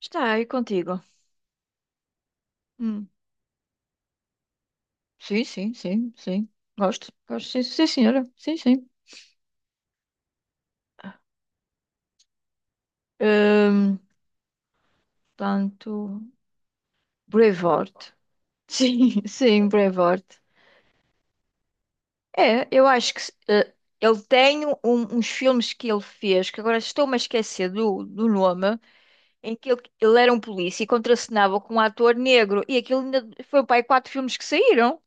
Está aí contigo. Hum. Sim, sim, sim, sim. Gosto, gosto, sim, sim, senhora. Sim, sim. Hum, tanto. Brevoort. Sim, sim, Brevoort. É, eu acho que eh, ele tem uns filmes que ele fez, que agora estou-me a esquecer do nome, em que ele era um polícia e contracenava com um ator negro. E aquilo ainda foi para aí quatro filmes que saíram.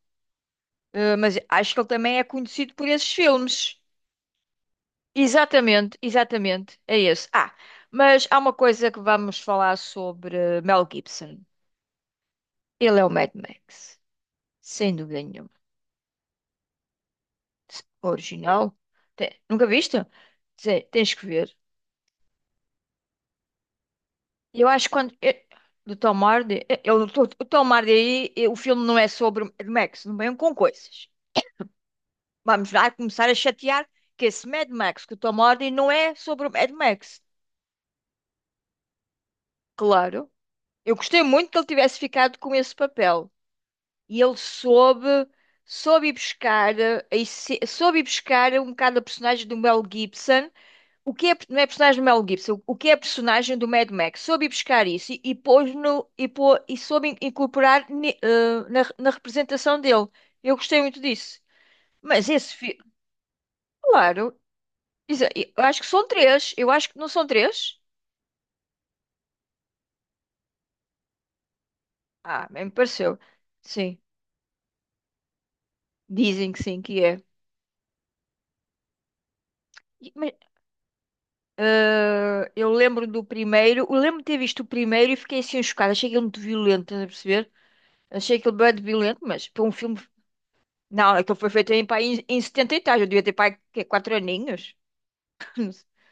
Mas acho que ele também é conhecido por esses filmes. Exatamente, exatamente, é esse. Ah, mas há uma coisa que vamos falar sobre Mel Gibson. Ele é o Mad Max, sem dúvida nenhuma. Original. Nunca viste? Tens que ver. Eu acho que quando. Do Tom Hardy. O Tom Hardy aí, o filme não é sobre Mad Max, não vem com coisas. Vamos lá começar a chatear que esse Mad Max, que o Tom Hardy não é sobre o Mad Max. Claro. Eu gostei muito que ele tivesse ficado com esse papel. E ele soube ir buscar, soube ir buscar um bocado a personagem do Mel Gibson. O que é, não é personagem do Mel Gibson, o que é a personagem do Mad Max? Soube ir buscar isso e pôs no, e, pô, e soube incorporar na representação dele. Eu gostei muito disso. Mas esse filme, claro, eu acho que são três. Eu acho que não são três. Ah, bem me pareceu. Sim, dizem que sim, que é. Ah, eu lembro do primeiro, eu lembro de ter visto o primeiro e fiquei assim chocada. Achei aquilo muito violento, estás a perceber? Achei aquilo bem violento, mas para um filme. Não, aquilo foi feito em, pá, em 70 e tal. Eu devia ter pai quê, 4 aninhos.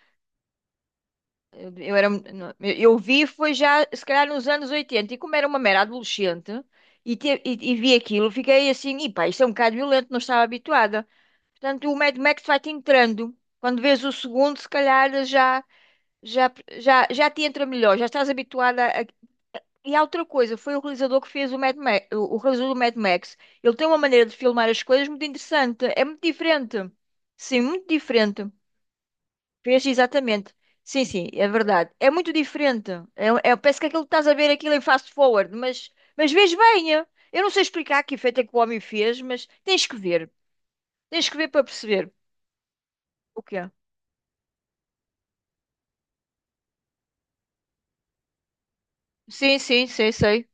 Eu era, não, eu vi foi já, se calhar, nos anos 80. E como era uma mera adolescente e, vi aquilo, fiquei assim: e pá, isto é um bocado violento, não estava habituada. Portanto, o Mad Max vai-te entrando. Quando vês o segundo, se calhar já, já te entra melhor, já estás habituada. E há outra coisa, foi o realizador que fez o Mad Max, o realizador do Mad Max. Ele tem uma maneira de filmar as coisas muito interessante. É muito diferente. Sim, muito diferente. Fez exatamente. Sim, sim, é verdade. É muito diferente. É, é- parece que aquilo que estás a ver aquilo em fast forward, mas vês bem. É? Eu não sei explicar que efeito é que o homem fez, mas tens que ver. Tens que ver para perceber o que é. Sim, sim, sei, sei.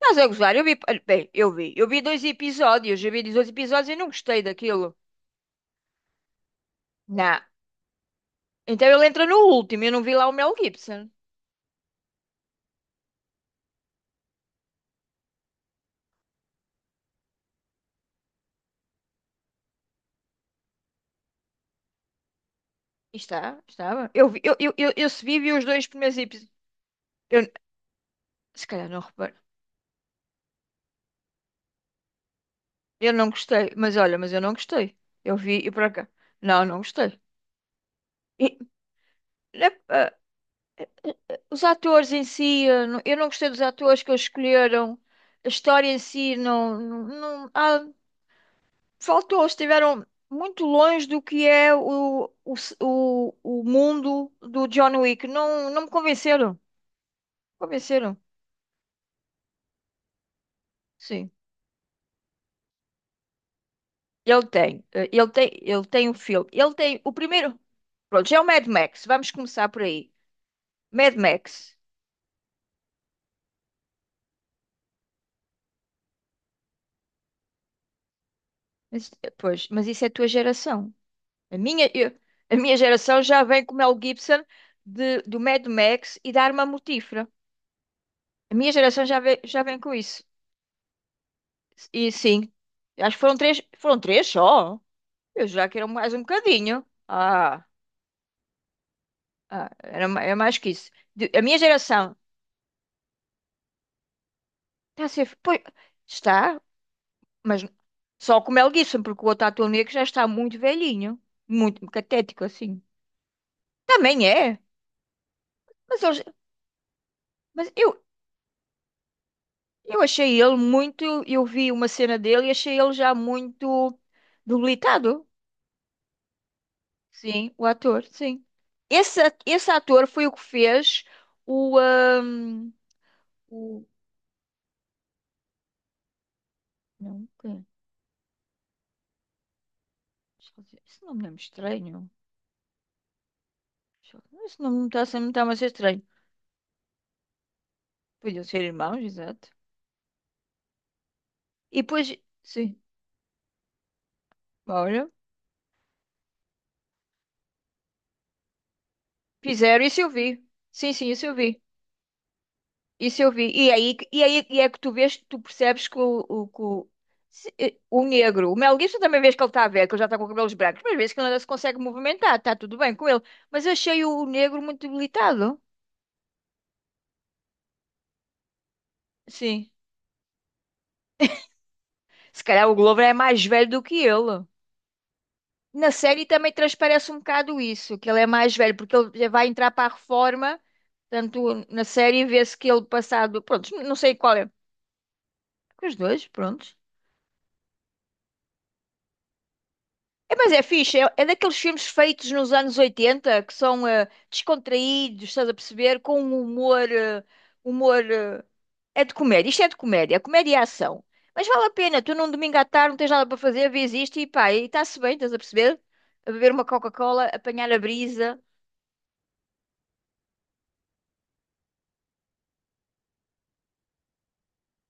Estás a gozar? Eu vi, olha, bem, eu vi. Eu vi dois episódios, eu vi dois episódios e não gostei daquilo. Não. Então ele entra no último, eu não vi lá o Mel Gibson. E estava. Eu vi, eu se vi, vi os dois primeiros episódios. Eu, se calhar não reparo. Eu não gostei, mas olha, mas eu não gostei. Eu vi e por cá, não, não gostei. E, né, ah, os atores em si, eu não gostei dos atores que eles escolheram. A história em si não, ah, faltou, estiveram muito longe do que é o mundo do John Wick. Não, não me convenceram. Convenceram. Sim. Ele tem um filme, ele tem o primeiro. Pronto, já é o Mad Max, vamos começar por aí. Mad Max. Mas, pois, isso é a tua geração. A minha, a minha geração já vem com o Mel Gibson do Mad Max e da Arma Mortífera. A minha geração já vem com isso. E sim, acho que foram três só. Eu já que era mais um bocadinho. Era, era mais que isso. A minha geração está a ser. Pois, está. Mas só com o Mel Gibson, porque o outro ator negro já está muito velhinho, muito catético assim. Também é, mas, eu, mas eu achei ele muito. Eu vi uma cena dele e achei ele já muito debilitado. Sim, o ator, sim. Esse ator foi o que fez o. ahm, o. Não, quem? Deixa eu ver. Esse nome não é estranho. Deixa eu ver. Esse nome não está mais estranho. Podiam ser irmãos, exato. E depois, sim, fizeram, isso eu vi. Sim, sim, isso eu vi. Isso eu vi. E aí, é que tu vês, tu percebes que o, que o, se- eh, o negro, o Mel Gibson também vês que ele está a ver, que ele já está com cabelos brancos, mas vês que ele ainda se consegue movimentar, está tudo bem com ele. Mas achei o negro muito debilitado. Sim. Se calhar o Glover é mais velho do que ele. Na série também transparece um bocado isso, que ele é mais velho, porque ele já vai entrar para a reforma, tanto na série vê-se que ele passado, pronto, não sei qual é, os dois, pronto. É, mas é fixe, é, é daqueles filmes feitos nos anos 80 que são descontraídos, estás a perceber? Com um humor. Humor. eh, é de comédia, isto é de comédia, comédia é ação. Mas vale a pena, tu num domingo à tarde não tens nada para fazer, vês isto e pá, e está-se bem, estás a perceber? A beber uma Coca-Cola, apanhar a brisa.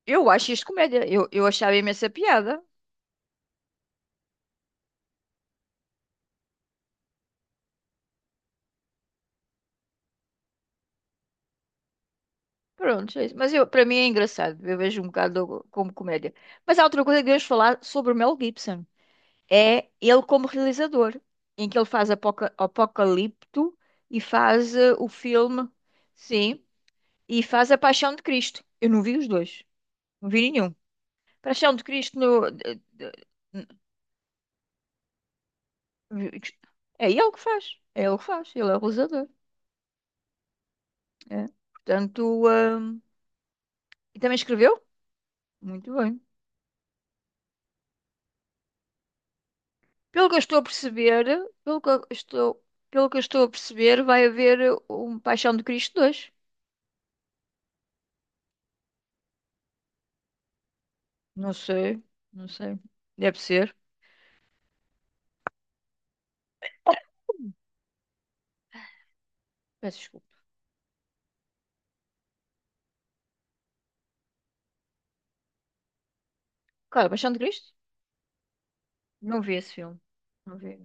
Eu acho isto comédia, eu achava imensa piada. Pronto, é isso. Mas eu, para mim é engraçado, eu vejo um bocado como comédia. Mas há outra coisa que devemos falar sobre o Mel Gibson. É ele como realizador, em que ele faz Apocalipto e faz o filme, sim, e faz A Paixão de Cristo. Eu não vi os dois, não vi nenhum. Paixão de Cristo no, de- n- é ele que faz, é ele que faz, ele é o realizador. É. Portanto, e também escreveu? Muito bem. Pelo que eu estou a perceber, pelo que eu estou, vai haver um Paixão de Cristo dois. Não sei, não sei. Deve ser. Peço desculpa. Claro, é? Paixão de Cristo? Não vi esse filme. Não vi.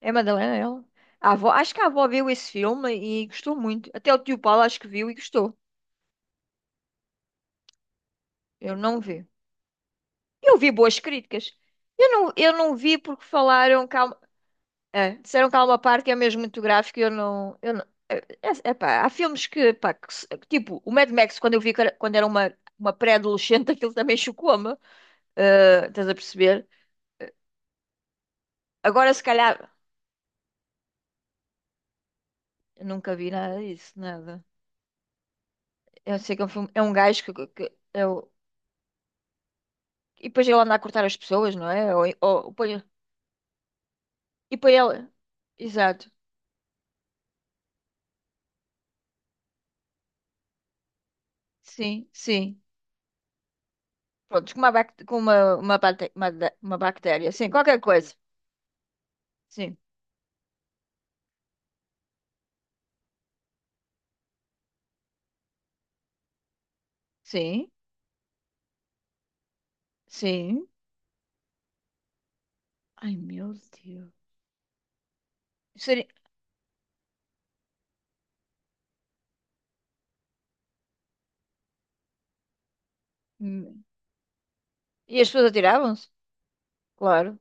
É a Madalena, é ela? A avó, acho que a avó viu esse filme e gostou muito. Até o tio Paulo acho que viu e gostou. Eu não vi. Eu vi boas críticas. Eu não vi porque falaram que disseram que há uma parte que é mesmo muito gráfica e eu não... Eu não é, é pá, há filmes que, pá, que se- que tipo, o Mad Max, quando eu vi quando era uma, pré-adolescente, aquilo também chocou-me. Estás a perceber? Agora, se calhar... Eu nunca vi nada disso, nada. Eu sei que é um filme, é um gajo que, que é e depois ele anda a cortar as pessoas, não é? E põe ele. Exato. Sim, sim. Pronto, com uma, bac- com uma, bate- uma, da- uma bactéria. Sim, qualquer coisa. Sim, sim, sim. Ai, meu Deus. Seria- Hum. E as pessoas atiravam-se? Claro.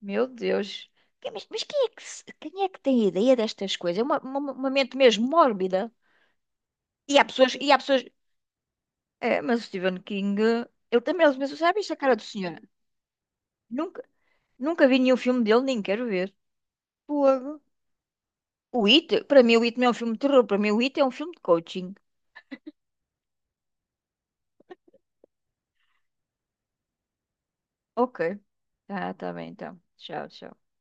Meu Deus. Mas, quem é que, se- quem é que tem ideia destas coisas? É uma mente mesmo mórbida. E há pessoas, e há pessoas. É, mas o Stephen King, ele também, ele mesmo, já viste a cara do senhor? Nunca, nunca vi nenhum filme dele, nem quero ver. Fogo. O It, para mim o It não é um filme de terror, para mim o It é um filme de coaching. Ok. Tá, tá bem, então. Tchau, tchau.